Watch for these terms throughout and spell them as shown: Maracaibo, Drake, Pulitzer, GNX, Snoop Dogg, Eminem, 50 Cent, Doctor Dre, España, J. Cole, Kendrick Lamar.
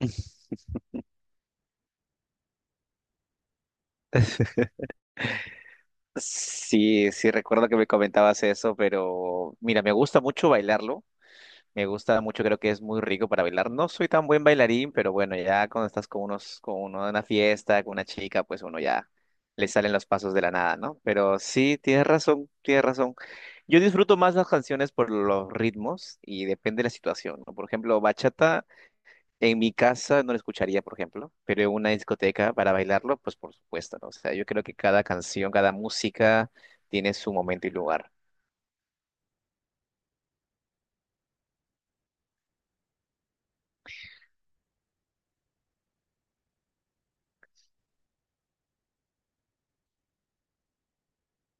Sí, sí, recuerdo que me comentabas eso, pero mira, me gusta mucho bailarlo. Me gusta mucho, creo que es muy rico para bailar. No soy tan buen bailarín, pero bueno, ya cuando estás con unos, con uno en una fiesta, con una chica, pues uno ya le salen los pasos de la nada, ¿no? Pero sí, tienes razón, tienes razón. Yo disfruto más las canciones por los ritmos y depende de la situación, ¿no? Por ejemplo, bachata. En mi casa no lo escucharía, por ejemplo, pero en una discoteca para bailarlo, pues por supuesto, ¿no? O sea, yo creo que cada canción, cada música tiene su momento y lugar.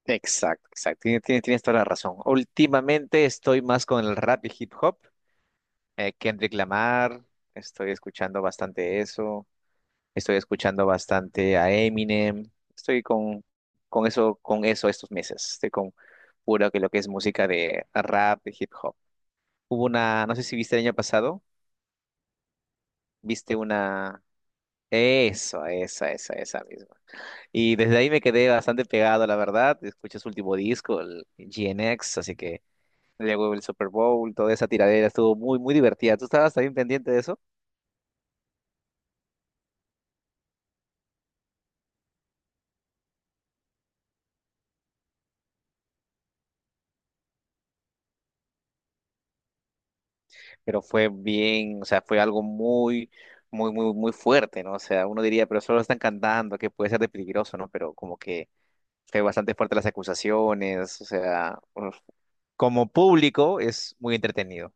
Exacto, exacto. Tienes toda la razón. Últimamente estoy más con el rap y hip hop. Kendrick Lamar, estoy escuchando bastante eso. Estoy escuchando bastante a Eminem. Estoy con eso estos meses. Estoy con puro que lo que es música de rap y hip hop. Hubo una, no sé si viste el año pasado. viste una... Eso, esa misma. Y desde ahí me quedé bastante pegado, la verdad. Escuché su último disco, el GNX, así que luego el Super Bowl, toda esa tiradera estuvo muy, muy divertida. Tú estabas también pendiente de eso, pero fue bien, o sea, fue algo muy, muy, muy, muy fuerte, ¿no? O sea, uno diría, pero solo están cantando, que puede ser de peligroso, ¿no? Pero como que fue bastante fuerte las acusaciones, o sea, uf, como público es muy entretenido.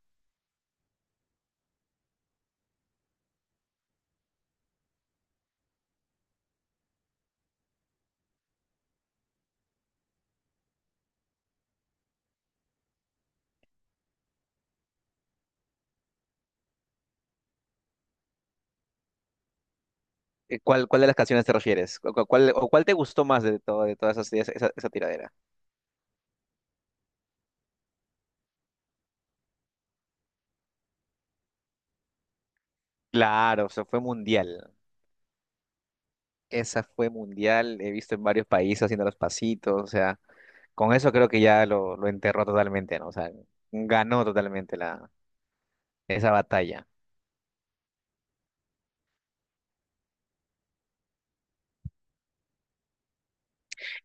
¿Cuál de las canciones te refieres? ¿Cuál, o cuál te gustó más de todas esas, esa tiradera? Claro, o sea, fue mundial. Esa fue mundial. He visto en varios países haciendo los pasitos. O sea, con eso creo que ya lo enterró totalmente, ¿no? O sea, ganó totalmente esa batalla.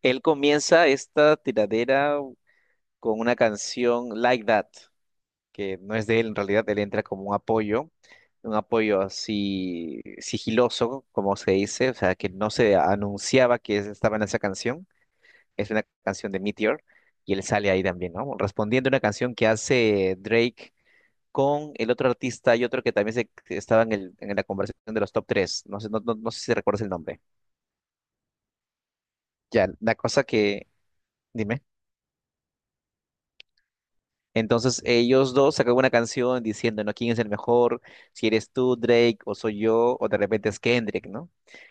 Él comienza esta tiradera con una canción Like That. Que no es de él, en realidad él entra como un apoyo así sigiloso, como se dice, o sea, que no se anunciaba que estaba en esa canción, es una canción de Meteor, y él sale ahí también, ¿no? Respondiendo a una canción que hace Drake con el otro artista y otro que también que estaba en, en la conversación de los top tres, no sé, no, no, no sé si recuerdas el nombre. Ya, la cosa que, dime. Entonces ellos dos sacan una canción diciendo, ¿no? ¿Quién es el mejor? Si eres tú, Drake, o soy yo, o de repente es Kendrick, ¿no?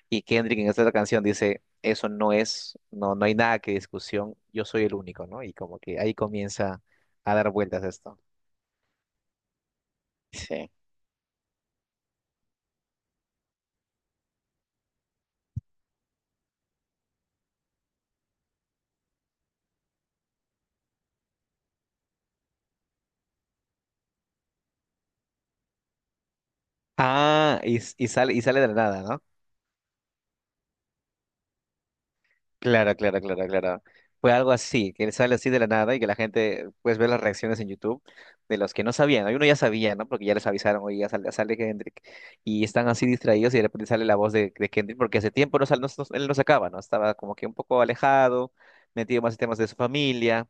Y Kendrick en esta otra canción dice, eso no es, no, no hay nada que discusión, yo soy el único, ¿no? Y como que ahí comienza a dar vueltas esto. Sí. Ah, y sale de la nada, ¿no? Claro, claro, claro, claro. Fue algo así, que sale así de la nada y que la gente pues ve las reacciones en YouTube de los que no sabían. Algunos ya sabían, ¿no? Porque ya les avisaron, oye, ya sale Kendrick. Y están así distraídos y de repente sale la voz de Kendrick, porque hace tiempo no, él no sacaba, ¿no? Estaba como que un poco alejado, metido más en temas de su familia.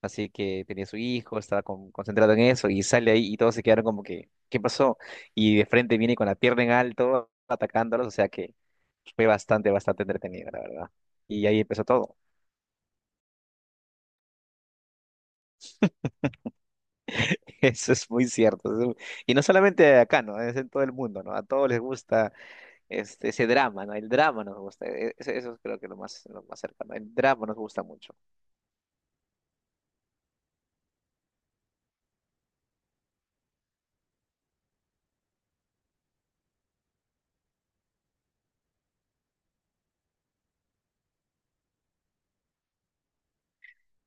Así que tenía su hijo, estaba concentrado en eso y sale ahí y todos se quedaron como que, ¿qué pasó? Y de frente viene con la pierna en alto atacándolos, o sea que fue bastante, bastante entretenido, la verdad. Y ahí empezó todo. Eso es muy cierto. Y no solamente acá, ¿no? Es en todo el mundo, ¿no? A todos les gusta ese drama, ¿no? El drama nos gusta. Eso, eso creo que es lo más cercano. El drama nos gusta mucho.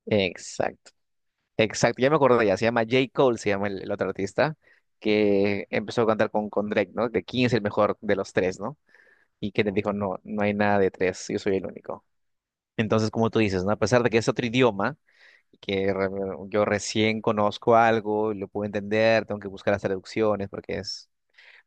Exacto. Exacto, ya me acordé, ya se llama J. Cole, se llama el otro artista, que empezó a cantar con Drake, ¿no? De quién es el mejor de los tres, ¿no? Y que le dijo, no, no hay nada de tres, yo soy el único. Entonces, como tú dices, ¿no? A pesar de que es otro idioma, que re- yo recién conozco algo, y lo puedo entender, tengo que buscar las traducciones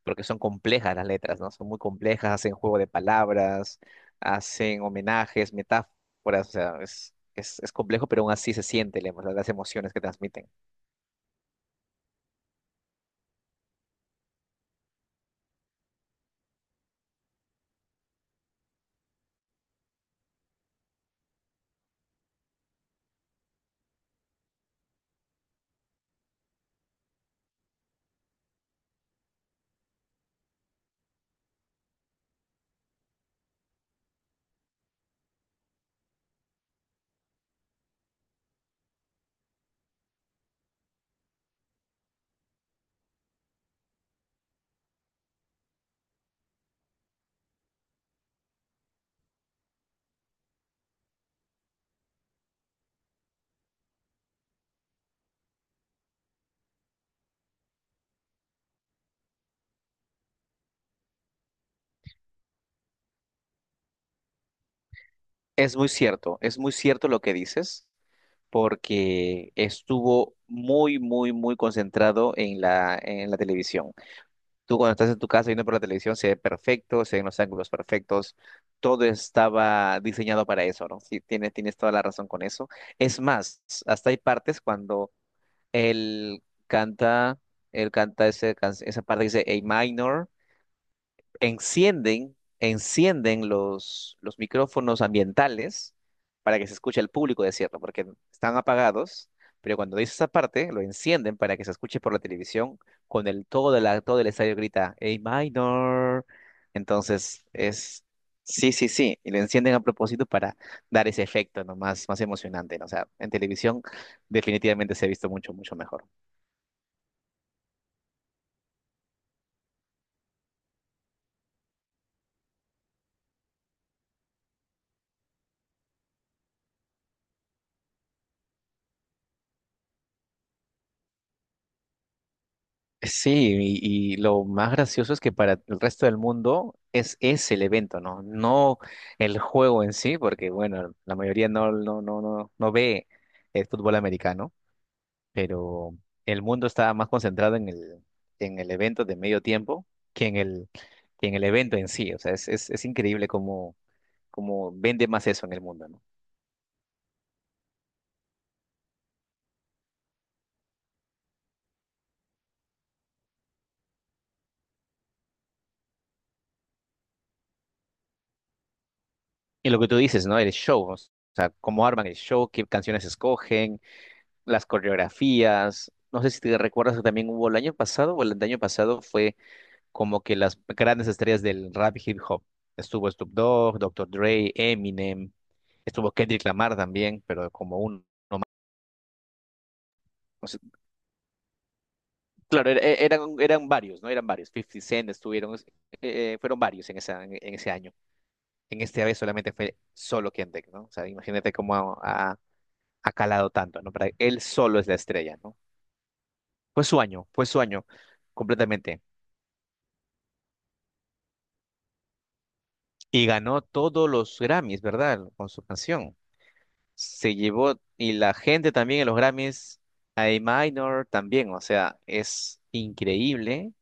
porque son complejas las letras, ¿no? Son muy complejas, hacen juego de palabras, hacen homenajes, metáforas, o sea, es complejo, pero aún así se siente las emociones que transmiten. Es muy cierto lo que dices, porque estuvo muy, muy, muy concentrado en la televisión. Tú cuando estás en tu casa viendo por la televisión se ve perfecto, se ven los ángulos perfectos, todo estaba diseñado para eso, ¿no? Sí, tienes toda la razón con eso. Es más, hasta hay partes cuando él canta, él canta esa parte que dice A minor. Encienden los micrófonos ambientales para que se escuche al público decirlo, porque están apagados, pero cuando dice esa parte, lo encienden para que se escuche por la televisión, con el todo, la, todo el estadio grita, A minor. Entonces sí, sí, sí, y lo encienden a propósito para dar ese efecto, ¿no? Más, más emocionante, ¿no? O sea, en televisión definitivamente se ha visto mucho, mucho mejor. Sí, y lo más gracioso es que para el resto del mundo es ese el evento, ¿no? No el juego en sí, porque bueno, la mayoría no, no, no, no, no ve el fútbol americano, pero el mundo está más concentrado en el evento de medio tiempo que que en el evento en sí. O sea, es increíble cómo vende más eso en el mundo, ¿no? Y lo que tú dices, ¿no? El show, o sea, cómo arman el show, qué canciones escogen las coreografías. No sé si te recuerdas que también hubo el año pasado o el año pasado fue como que las grandes estrellas del rap y hip hop. Estuvo Snoop Dogg, Doctor Dre, Eminem, estuvo Kendrick Lamar también, pero como un... O sea, claro, eran varios, ¿no? Eran varios. 50 Cent estuvieron, fueron varios en ese año. En este vez solamente fue solo Kendrick, ¿no? O sea, imagínate cómo ha calado tanto, ¿no? Para él solo es la estrella, ¿no? Fue su año completamente. Y ganó todos los Grammys, ¿verdad? Con su canción. Se llevó, y la gente también en los Grammys, A Minor también, o sea, es increíble,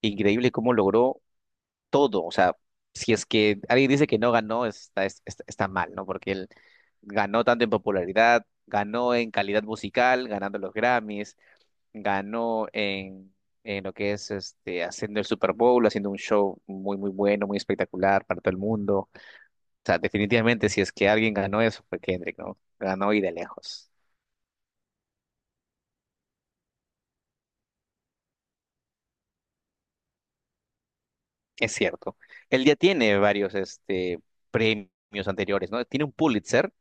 increíble cómo logró todo. O sea, si es que alguien dice que no ganó, está mal, ¿no? Porque él ganó tanto en popularidad, ganó en calidad musical, ganando los Grammys, ganó en lo que es este, haciendo el Super Bowl, haciendo un show muy, muy bueno, muy espectacular para todo el mundo. O sea, definitivamente, si es que alguien ganó eso, fue Kendrick, ¿no? Ganó y de lejos. Es cierto. Él ya tiene varios este, premios anteriores, ¿no? Tiene un Pulitzer,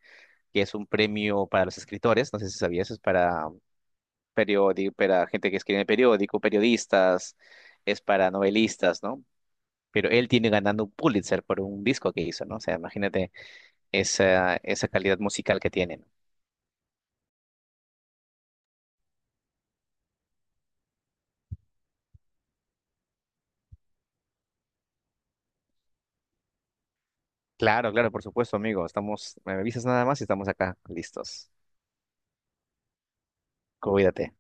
que es un premio para los escritores, no sé si sabías, es para periódico, para gente que escribe en el periódico, periodistas, es para novelistas, ¿no? Pero él tiene ganando un Pulitzer por un disco que hizo, ¿no? O sea, imagínate esa calidad musical que tienen. Claro, claro, por supuesto, amigo. Estamos, me avisas nada más y estamos acá, listos. Cuídate.